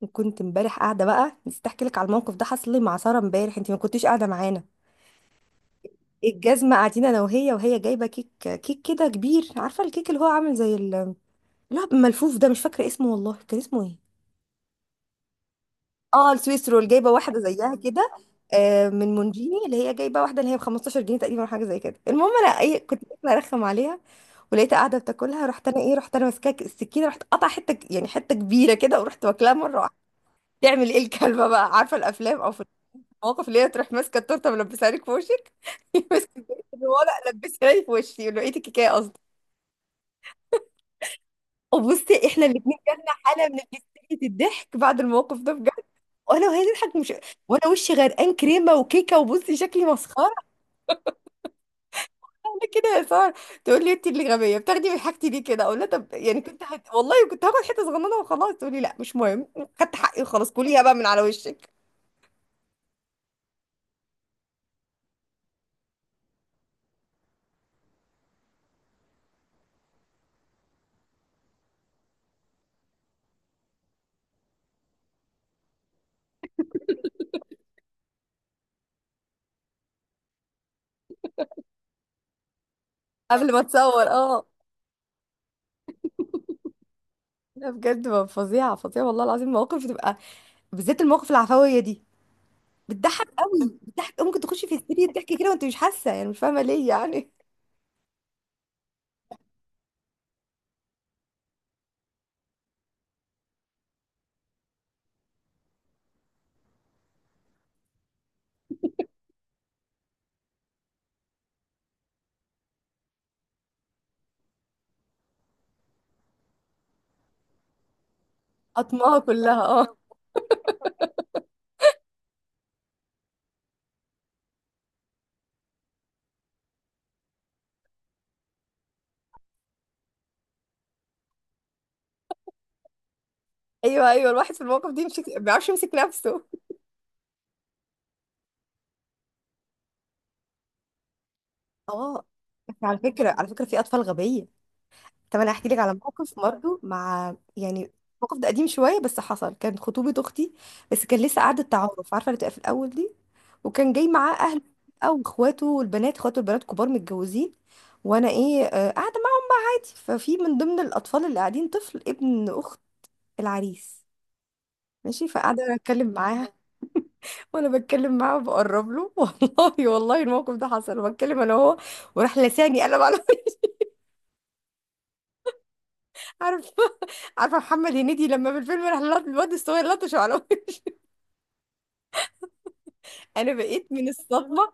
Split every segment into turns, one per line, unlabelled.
وكنت امبارح قاعده بقى، نسيت احكي لك على الموقف ده حصل لي مع ساره امبارح، انت ما كنتيش قاعده معانا الجزمه. قاعدين انا وهي، وهي جايبه كيك كده كبير، عارفه الكيك اللي هو عامل زي اللي هو ملفوف ده، مش فاكره اسمه والله، كان اسمه ايه؟ اه، السويس رول، جايبه واحده زيها كده. من مونجيني، اللي هي جايبه واحده اللي هي ب 15 جنيه تقريبا أو حاجه زي كده. المهم انا ايه، كنت باكل ارخم عليها ولقيتها قاعده بتاكلها، رحت انا ايه، رحت انا ماسكاك السكينه، رحت قطع حته يعني حته كبيره كده ورحت واكلها مره واحده. تعمل ايه الكلبه بقى؟ عارفه الافلام او في مواقف اللي هي تروح ماسكه التورته ملبسها لك في وشك؟ ماسكه الورق، لبسها لي في وشي، لقيت الكيكه قصدي. وبصي، احنا الاثنين جالنا حاله من هستيرية الضحك بعد الموقف ده بجد. وانا وهي تضحك، مش وانا وشي غرقان كريمه وكيكه، وبصي شكلي مسخره. انا كده يا ساره؟ تقول لي انت اللي غبيه، بتاخدي من حاجتي ليه كده؟ اقول لها طب يعني كنت والله كنت هاخد حته صغننه وخلاص، تقول لي لا مش مهم، خدت حقي وخلاص، كليها بقى من على وشك. قبل ما تصور اه. لا بجد فظيعه فظيعه والله العظيم، مواقف بتبقى بالذات المواقف العفويه دي بتضحك قوي، بتضحك ممكن تخشي في هستيريا ضحك كده وانت مش حاسه، يعني مش فاهمه ليه يعني. اطماها كلها اه. ايوه ايوه، الواحد في الموقف دي مش ما بيعرفش يمسك نفسه. اه. بس على فكره، على فكره في اطفال غبيه، طب انا هحكي لك على موقف برضه مع يعني، الموقف ده قديم شويه بس حصل، كان خطوبه اختي بس كان لسه قعده تعارف، عارفه اللي بتبقى في الاول دي، وكان جاي معاه اهله او اخواته، والبنات اخواته البنات كبار متجوزين. وانا ايه، قاعده معاه عادي. ففي من ضمن الاطفال اللي قاعدين طفل ابن اخت العريس. ماشي، فقاعدة أتكلم معاها وأنا بتكلم معاه وبقرب له. والله والله الموقف ده حصل، بتكلم أنا وهو وراح لساني قلم على عارفة؟ عارفة محمد هنيدي لما في الفيلم راح الواد الصغير لطشه على وجهه. أنا بقيت من الصدمة،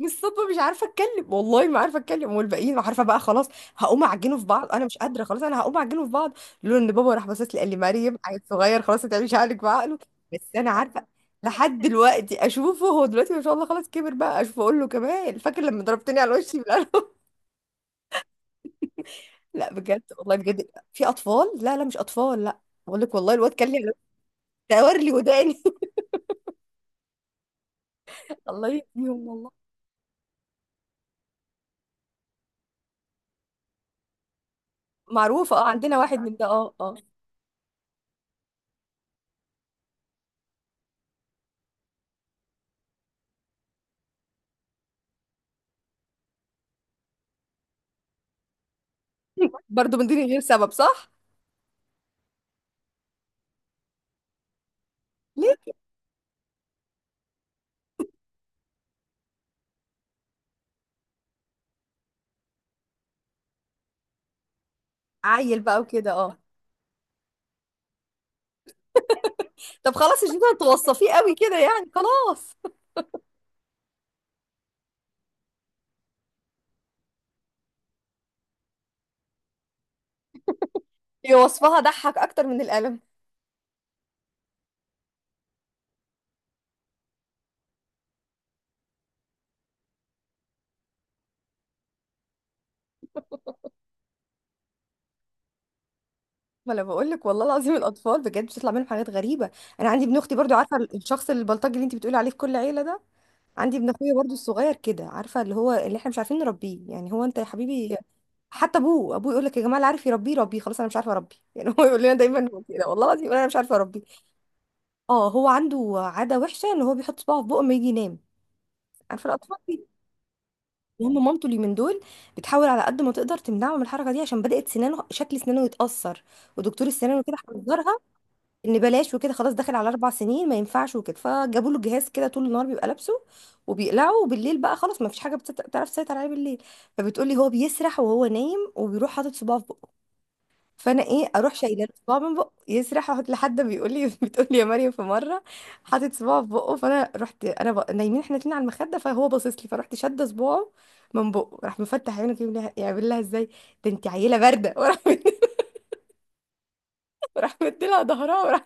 من الصدمه مش عارفه اتكلم، والله ما عارفه اتكلم، والباقيين ما عارفه بقى خلاص هقوم اعجنه في بعض، انا مش قادره خلاص انا هقوم اعجنه في بعض، لولا ان بابا راح باصص لي قال لي مريم عيل صغير خلاص، ما تعمليش عقلك بعقله. بس انا عارفه لحد دلوقتي اشوفه، هو دلوقتي ما شاء الله خلاص كبر بقى، اشوفه اقول له كمان فاكر لما ضربتني على وشي بالقلم؟ لا بجد والله بجد، في اطفال، لا لا مش اطفال لا، بقول لك والله الواد كان لي دور لي وداني. الله يهديهم والله. معروفه اه، عندنا واحد من ده، اه اه. برضه من دون غير سبب صح؟ ليه عيل بقى وكده اه. طب خلاص يا جديد، توصفيه قوي كده يعني خلاص. هي وصفها ضحك اكتر من القلم. ما انا بقول لك والله العظيم الاطفال بجد بتطلع منهم حاجات غريبه. انا عندي ابن اختي برضو، عارفه الشخص البلطجي اللي انت بتقولي عليه في كل عيله ده، عندي ابن اخويا برضو الصغير كده، عارفه اللي هو اللي احنا مش عارفين نربيه يعني، هو انت يا حبيبي حتى ابوه يقول لك يا جماعه اللي عارف يربيه ربيه، خلاص انا مش عارفه اربيه يعني، هو يقول لنا دايما هو كده والله العظيم، يقول انا مش عارفه اربيه. اه، هو عنده عاده وحشه، ان هو بيحط صباعه في بقه لما يجي ينام، عارفه الاطفال. المهم مامته اليومين دول بتحاول على قد ما تقدر تمنعه من الحركه دي، عشان بدات سنانه، شكل سنانه يتاثر، ودكتور السنان وكده حذرها ان بلاش وكده، خلاص داخل على اربع سنين ما ينفعش وكده. فجابوا له جهاز كده طول النهار بيبقى لابسه وبيقلعه، وبالليل بقى خلاص ما فيش حاجه بتعرف تسيطر عليه بالليل. فبتقولي هو بيسرح وهو نايم وبيروح حاطط صباعه في بقه، فانا ايه، اروح شايله له صباع من بقه، يسرح احط لحد ما بيقول لي بتقول لي يا مريم في مره حاطط صباعه في بقه، فانا رحت انا نايمين احنا اتنين على المخده، فهو باصص لي، فرحت شاده صباعه من بقه، راح مفتح عينه كده يعمل لها ازاي ده، انت عيله بارده وراح وراح مديلها ظهرها وراح.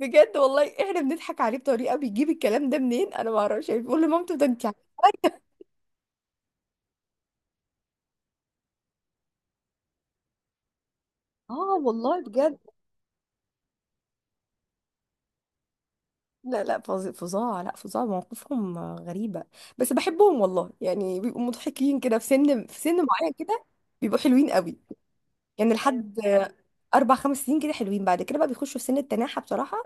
بجد والله احنا بنضحك عليه بطريقه، بيجيب الكلام ده منين انا ما اعرفش، يعني بيقول لمامته ده انت. اه والله بجد. لا لا فظاع، لا فظاع، مواقفهم غريبة، بس بحبهم والله، يعني بيبقوا مضحكين كده في سن، في سن معين كده، بيبقوا حلوين قوي يعني. ايوه لحد أيوة. أربع خمس سنين كده حلوين، بعد كده بقى بيخشوا في سن التناحة بصراحة.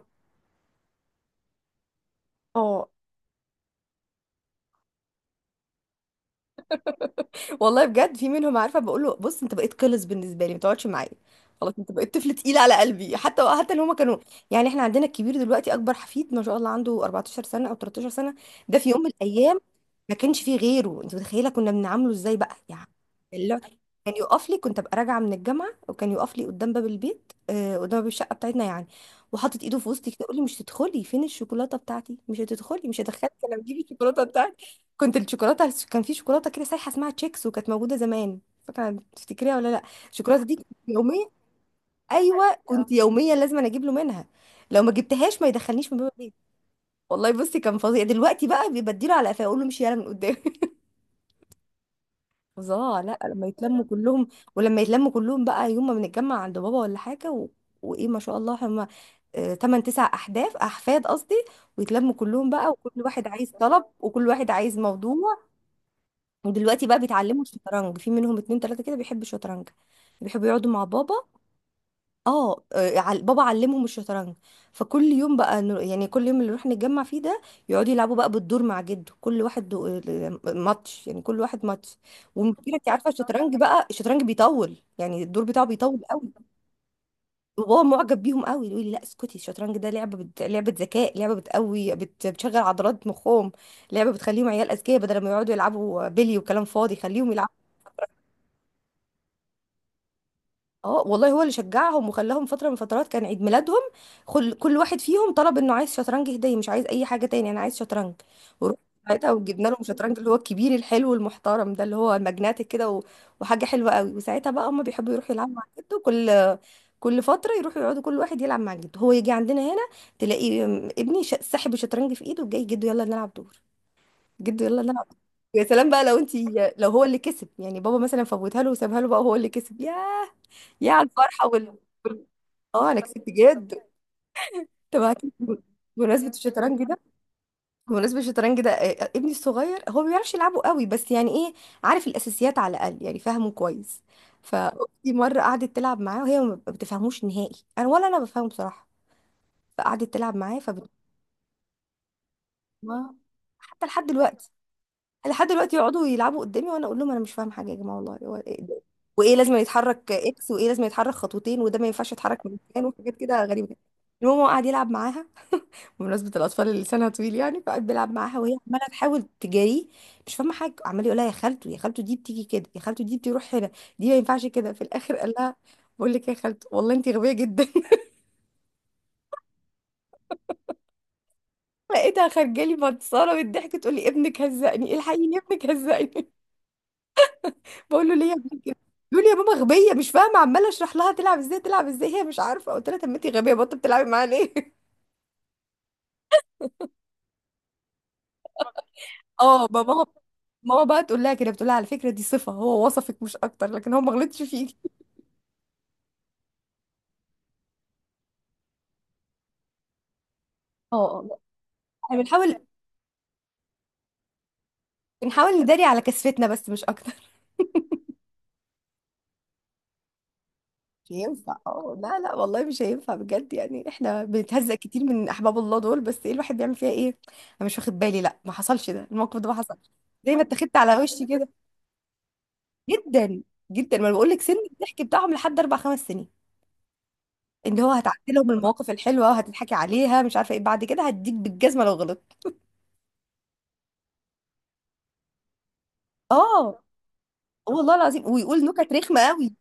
اه والله بجد، في منهم عارفه بقول له بص، انت بقيت قلص بالنسبه لي، ما تقعدش معايا خلاص، انت بقيت طفل تقيل على قلبي. حتى حتى اللي هما كانوا يعني، احنا عندنا الكبير دلوقتي، اكبر حفيد ما شاء الله، عنده 14 سنه او 13 سنه، ده في يوم من الايام ما كانش فيه غيره، انت متخيله كنا بنعامله ازاي بقى يعني. اللي هو كان يقف لي، كنت ابقى راجعه من الجامعه وكان يقف لي قدام باب البيت، قدام باب الشقه بتاعتنا يعني، وحاطط ايده في وسطي كده يقول لي مش تدخلي، فين الشوكولاته بتاعتي؟ مش هتدخلي، مش هدخلك لما تجيبي الشوكولاته. كنت الشوكولاته، كان في شوكولاته كده سايحه اسمها تشيكس، وكانت موجوده زمان، فاكره تفتكريها ولا لا؟ الشوكولاته دي كنت يوميا، ايوه كنت يوميا لازم أنا اجيب له منها، لو ما جبتهاش ما يدخلنيش من باب البيت. والله بصي كان فظيع، دلوقتي بقى بيبديله على قفاه اقول له امشي يالا من قدامي. فظاع، لا لما يتلموا كلهم، ولما يتلموا كلهم بقى يوم ما بنتجمع عند بابا ولا حاجه و... وايه ما شاء الله هم تمن تسع احداث احفاد قصدي، ويتلموا كلهم بقى وكل واحد عايز طلب وكل واحد عايز موضوع. ودلوقتي بقى بيتعلموا الشطرنج، في منهم اتنين تلاتة كده بيحبوا الشطرنج، بيحبوا يقعدوا مع بابا. اه بابا علمهم الشطرنج. فكل يوم بقى يعني كل يوم اللي نروح نتجمع فيه ده، يقعدوا يلعبوا بقى بالدور مع جده، كل واحد ماتش يعني، كل واحد ماتش. والمشكلة انت عارفة الشطرنج بقى، الشطرنج بيطول، يعني الدور بتاعه بيطول قوي، وبابا معجب بيهم قوي، يقول لي لا اسكتي الشطرنج ده لعبة لعبة ذكاء، لعبة بتقوي بتشغل عضلات مخهم، لعبة بتخليهم عيال أذكياء، بدل ما يقعدوا يلعبوا بلي وكلام فاضي خليهم يلعبوا. اه والله هو اللي شجعهم وخلاهم، فترة من فترات كان عيد ميلادهم كل واحد فيهم طلب انه عايز شطرنج هدية، مش عايز اي حاجة تاني، انا عايز شطرنج. ورحت ساعتها وجبنا لهم شطرنج اللي هو الكبير الحلو المحترم ده، اللي هو ماجناتيك كده و... وحاجة حلوة قوي. وساعتها بقى هما بيحبوا يروحوا يلعبوا مع جده، كل كل فترة يروحوا يقعدوا كل واحد يلعب مع جده، هو يجي عندنا هنا تلاقي ابني ساحب الشطرنج في ايده وجاي جده يلا نلعب دور، جده يلا نلعب. يا سلام بقى لو انت، لو هو اللي كسب يعني، بابا مثلا فوتها له وسابها له بقى، هو اللي كسب، يا على الفرحة وال- اه انا كسبت جد. طب بمناسبة الشطرنج ده، بمناسبة الشطرنج ده، ابني الصغير هو ما بيعرفش يلعبه قوي بس، يعني ايه، عارف الاساسيات على الاقل، يعني فاهمه كويس. فاختي مرة قعدت تلعب معاه، وهي ما بتفهموش نهائي، انا ولا انا بفهمه بصراحة، فقعدت تلعب معاه فبت... ما- حتى لحد دلوقتي، لحد دلوقتي يقعدوا يلعبوا قدامي وانا اقول لهم انا مش فاهم حاجة يا جماعة والله، هو إيه ده؟ وايه لازم يتحرك اكس، وايه لازم يتحرك خطوتين، وده ما ينفعش يتحرك من مكان، وحاجات كده غريبة. المهم هو قعد يلعب معاها بمناسبة الأطفال اللي لسانها طويل يعني، فقعد بيلعب معاها وهي عمالة تحاول تجاريه، مش فاهمة حاجة، عمال يقولها يا خالته يا خالته دي بتيجي كده، يا خالته دي بتروح هنا، دي ما ينفعش كده. في الآخر قال لها بقول لك يا خالته والله أنت غبية جدا. لقيتها خارجة لي متصالة بالضحك تقول لي ابنك هزقني، الحقيني ابنك هزقني. بقول له ليه يا ابنك كده؟ يقول لي يا ماما غبية، مش فاهمة، عمالة أشرح لها تلعب إزاي تلعب إزاي، هي مش عارفة، قلت لها طب ما أنت غبية، بطل بتلعبي معاها ليه؟ اه بابا ماما بقى تقول لها كده، بتقول لها على فكرة دي صفة، هو وصفك مش أكتر، لكن هو ما غلطش فيكي. اه احنا بنحاول، بنحاول نداري على كسفتنا بس مش اكتر. مش هينفع اه، لا لا والله مش هينفع بجد، يعني احنا بنتهزق كتير من احباب الله دول، بس ايه، الواحد بيعمل فيها ايه. انا مش واخد بالي، لا ما حصلش ده الموقف ده ما حصلش، زي ما اتخذت على وشي كده. جدا جدا، ما بقول لك سن الضحك بتاعهم لحد اربع خمس سنين، اللي هو هتعدلهم المواقف الحلوه وهتضحكي عليها، مش عارفه ايه بعد كده، هديك بالجزمه لو غلطت. اه والله العظيم ويقول نكت رخمه قوي،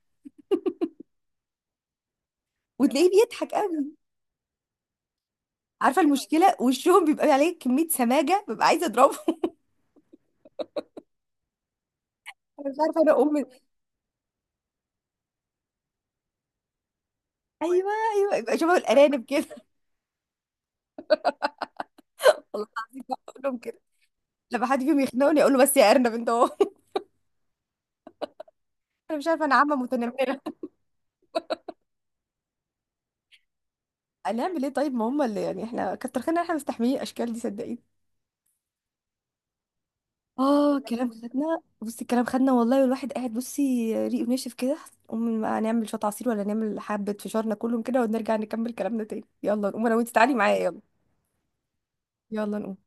وتلاقيه بيضحك قوي. عارفه المشكله، وشهم بيبقى عليه كميه سماجه، ببقى عايزه اضربه. أنا مش عارفه انا ايوه ايوه، يبقى شبه الارانب كده والله العظيم بقول لهم كده، لما حد فيهم يخنقني اقول له بس يا ارنب انت اهو. انا مش عارفه انا عامه متنمره. هنعمل ايه طيب، ما هم اللي يعني، احنا كتر خيرنا احنا مستحملين الاشكال دي صدقيني. اه الكلام خدنا، بصي الكلام خدنا والله، والواحد قاعد بصي ريقه ناشف كده، قوم بقى نعمل شويه عصير، ولا نعمل حبه فشارنا كلهم كده ونرجع نكمل كلامنا تاني، يلا نقوم انا وانت تعالي معايا يلا، يلا نقوم.